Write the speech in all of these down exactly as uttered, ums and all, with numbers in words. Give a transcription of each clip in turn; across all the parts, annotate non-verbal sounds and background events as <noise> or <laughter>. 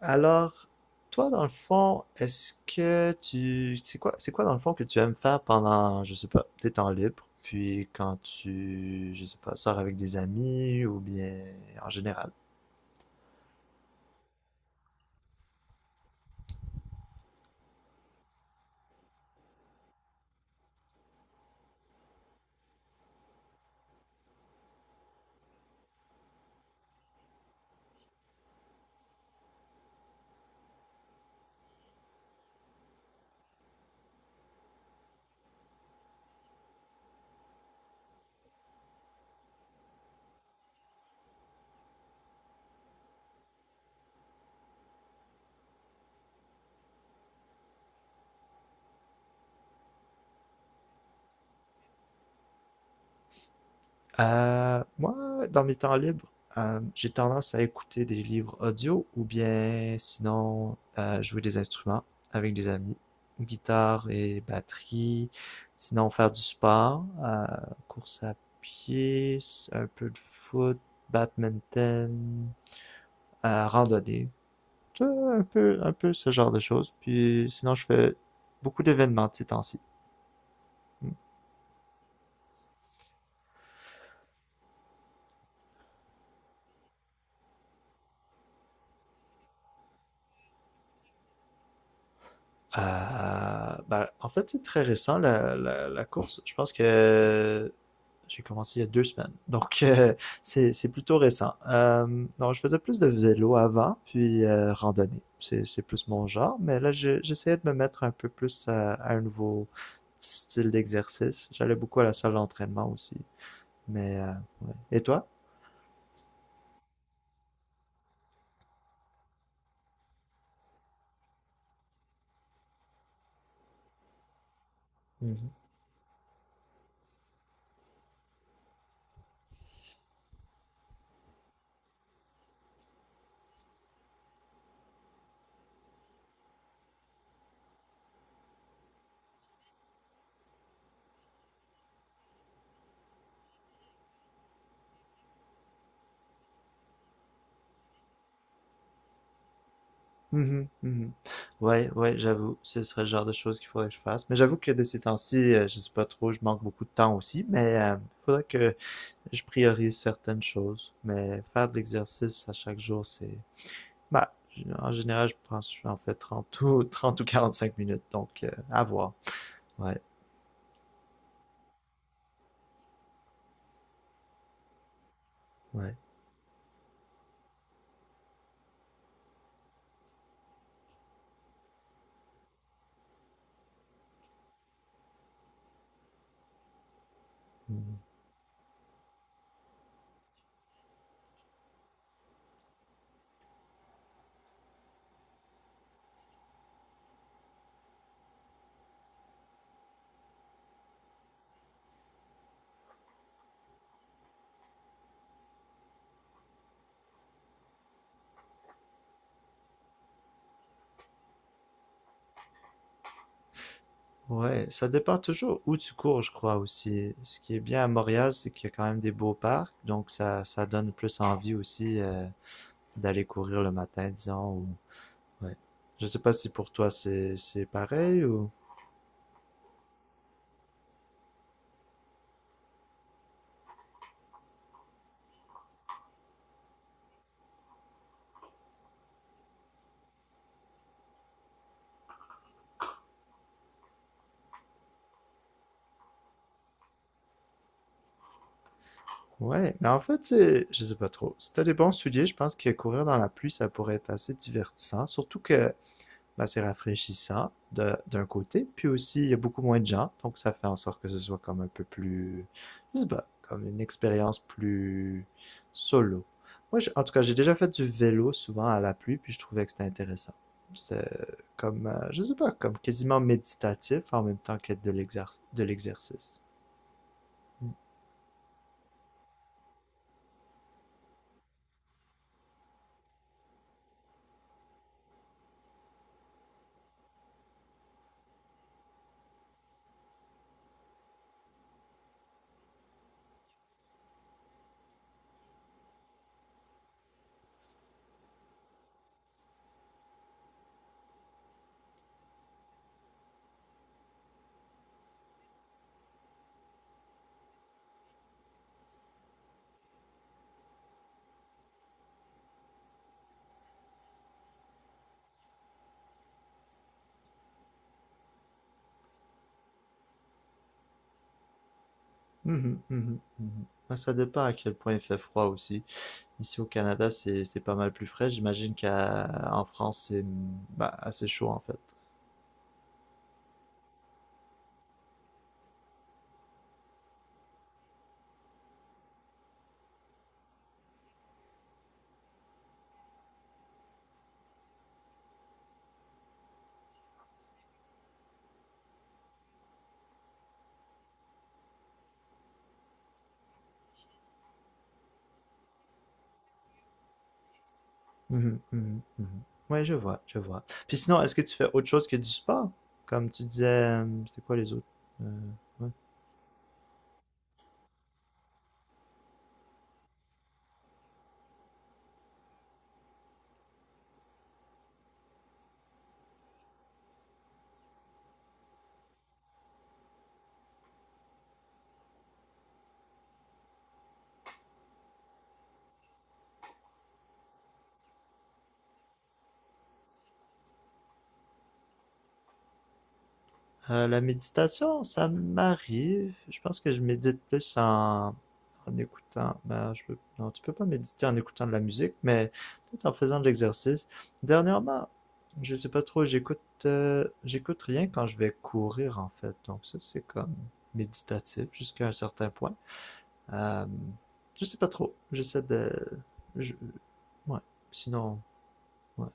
Alors, toi, dans le fond, est-ce que tu... C'est quoi, c'est quoi, dans le fond, que tu aimes faire pendant, je sais pas, tes temps libres, puis quand tu, je sais pas, sors avec des amis ou bien en général? Euh, moi, dans mes temps libres, euh, j'ai tendance à écouter des livres audio ou bien sinon euh, jouer des instruments avec des amis, guitare et batterie, sinon faire du sport, euh, course à pied, un peu de foot, badminton, euh, randonnée, tu vois, un peu, un peu ce genre de choses. Puis sinon, je fais beaucoup d'événements de ces temps-ci. Euh, ben, en fait, c'est très récent, la, la, la course. Je pense que j'ai commencé il y a deux semaines. <laughs> Donc, euh, c'est c'est plutôt récent. Euh, non, je faisais plus de vélo avant, puis euh, randonnée. C'est c'est plus mon genre, mais là, je- j'essayais de me mettre un peu plus à, à un nouveau style d'exercice. J'allais beaucoup à la salle d'entraînement aussi. Mais, euh, ouais. Et toi? Mm-hmm. Mhm, mhm. Ouais, ouais, j'avoue, ce serait le genre de choses qu'il faudrait que je fasse. Mais j'avoue que de ces temps-ci, euh, je sais pas trop, je manque beaucoup de temps aussi, mais euh, il faudrait que je priorise certaines choses. Mais faire de l'exercice à chaque jour, c'est... Bah, j- en général, je pense que j'en fais trente ou, <laughs> trente ou quarante-cinq minutes, donc euh, à voir. Ouais, ouais. Mhm. Ouais, ça dépend toujours où tu cours, je crois aussi. Ce qui est bien à Montréal, c'est qu'il y a quand même des beaux parcs, donc ça, ça donne plus envie aussi, euh, d'aller courir le matin, disons. ou- Ouais. Je sais pas si pour toi c'est c'est pareil ou. Ouais, mais en fait, c'est- je sais pas trop. Si t'as des bons souliers, je pense que courir dans la pluie, ça pourrait être assez divertissant. Surtout que ben, c'est rafraîchissant d'un côté, puis aussi il y a beaucoup moins de gens, donc ça fait en sorte que ce soit comme un peu plus, je sais pas, comme une expérience plus solo. Moi, je- en tout cas, j'ai déjà fait du vélo souvent à la pluie, puis je trouvais que c'était intéressant. C'est comme, euh, je sais pas, comme quasiment méditatif en même temps qu'être de l'exerc- de l'exercice. Mm. Mhm, mhm, mhm. Ouais, ça dépend à quel point il fait froid aussi. Ici au Canada, c'est c'est pas mal plus frais. J'imagine qu'en France, c'est mm, bah, assez chaud en fait. Mhm, mhm, mhm. Ouais, je vois, je vois. Puis sinon, est-ce que tu fais autre chose que du sport? Comme tu disais, euh, c'est quoi les autres? Euh, ouais. Euh, la méditation, ça m'arrive. Je pense que je médite plus en, en écoutant. Ben, je peux- non, tu peux pas méditer en écoutant de la musique, mais peut-être en faisant de l'exercice. Dernièrement, je sais pas trop, j'écoute euh, j'écoute rien quand je vais courir, en fait. Donc ça, c'est comme méditatif jusqu'à un certain point. Euh, je sais pas trop. J'essaie de. je- Ouais. Sinon, ouais.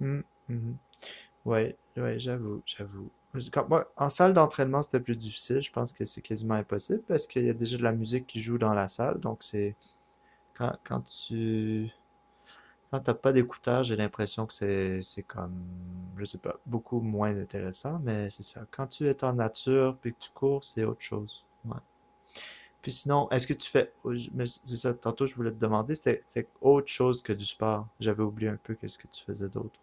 Mm, mhm. Ouais, ouais, j'avoue, j'avoue. Quand moi, en salle d'entraînement, c'était plus difficile. Je pense que c'est quasiment impossible parce qu'il y a déjà de la musique qui joue dans la salle. Donc, c'est quand, quand tu quand t'as pas d'écouteurs, j'ai l'impression que c'est c'est comme, je sais pas, beaucoup moins intéressant. Mais c'est ça. Quand tu es en nature puis que tu cours, c'est autre chose. Ouais. Puis sinon, est-ce que tu fais. Oh, mais c'est ça, tantôt je voulais te demander, c'était c'était autre chose que du sport. J'avais oublié un peu qu'est-ce que tu faisais d'autre.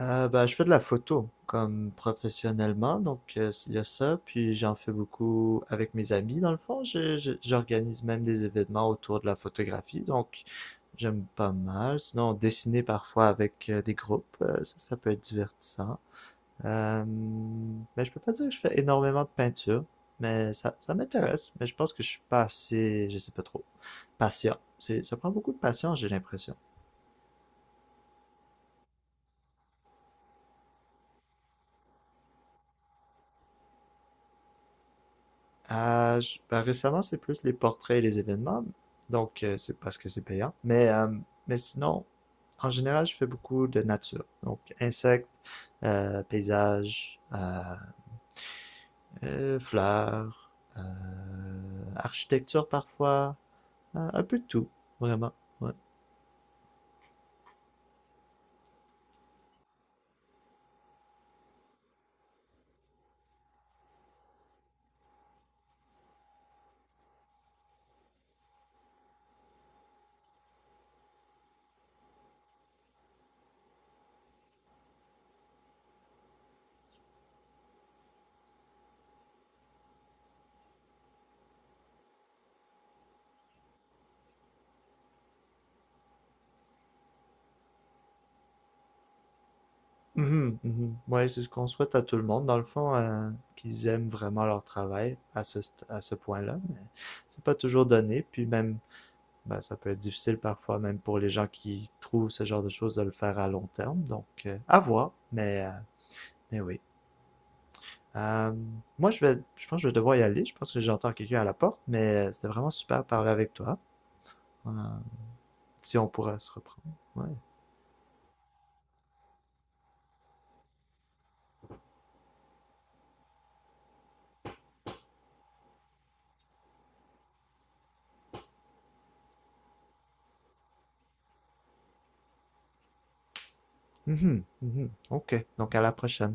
Euh, ben, je fais de la photo, comme professionnellement, donc euh, il y a ça. Puis j'en fais beaucoup avec mes amis, dans le fond. Je- je- J'organise même des événements autour de la photographie, donc j'aime pas mal. Sinon, dessiner parfois avec euh, des groupes, euh, ça, ça peut être divertissant. Euh, mais je peux pas dire que je fais énormément de peinture, mais ça, ça m'intéresse. Mais je pense que je suis pas assez, je sais pas trop, patient. C'est, ça prend beaucoup de patience, j'ai l'impression. Euh, je- ben, récemment, c'est plus les portraits et les événements, donc euh, c'est parce que c'est payant. Mais, euh, mais sinon, en général, je fais beaucoup de nature. Donc, insectes, euh, paysages, euh, euh, fleurs, euh, architecture parfois, euh, un peu de tout, vraiment. Ouais. Mhm, mhm. Ouais, c'est ce qu'on souhaite à tout le monde, dans le fond, euh, qu'ils aiment vraiment leur travail à ce, st- à ce point-là, mais c'est pas toujours donné, puis même, ben, ça peut être difficile parfois, même pour les gens qui trouvent ce genre de choses, de le faire à long terme, donc euh, à voir, mais, euh, mais oui. Euh, Moi, je vais, je pense que je vais devoir y aller, je pense que j'entends quelqu'un à la porte, mais euh, c'était vraiment super de parler avec toi. Euh, si on pourra se reprendre. Ouais. Mhm, mhm. Ok, donc à la prochaine.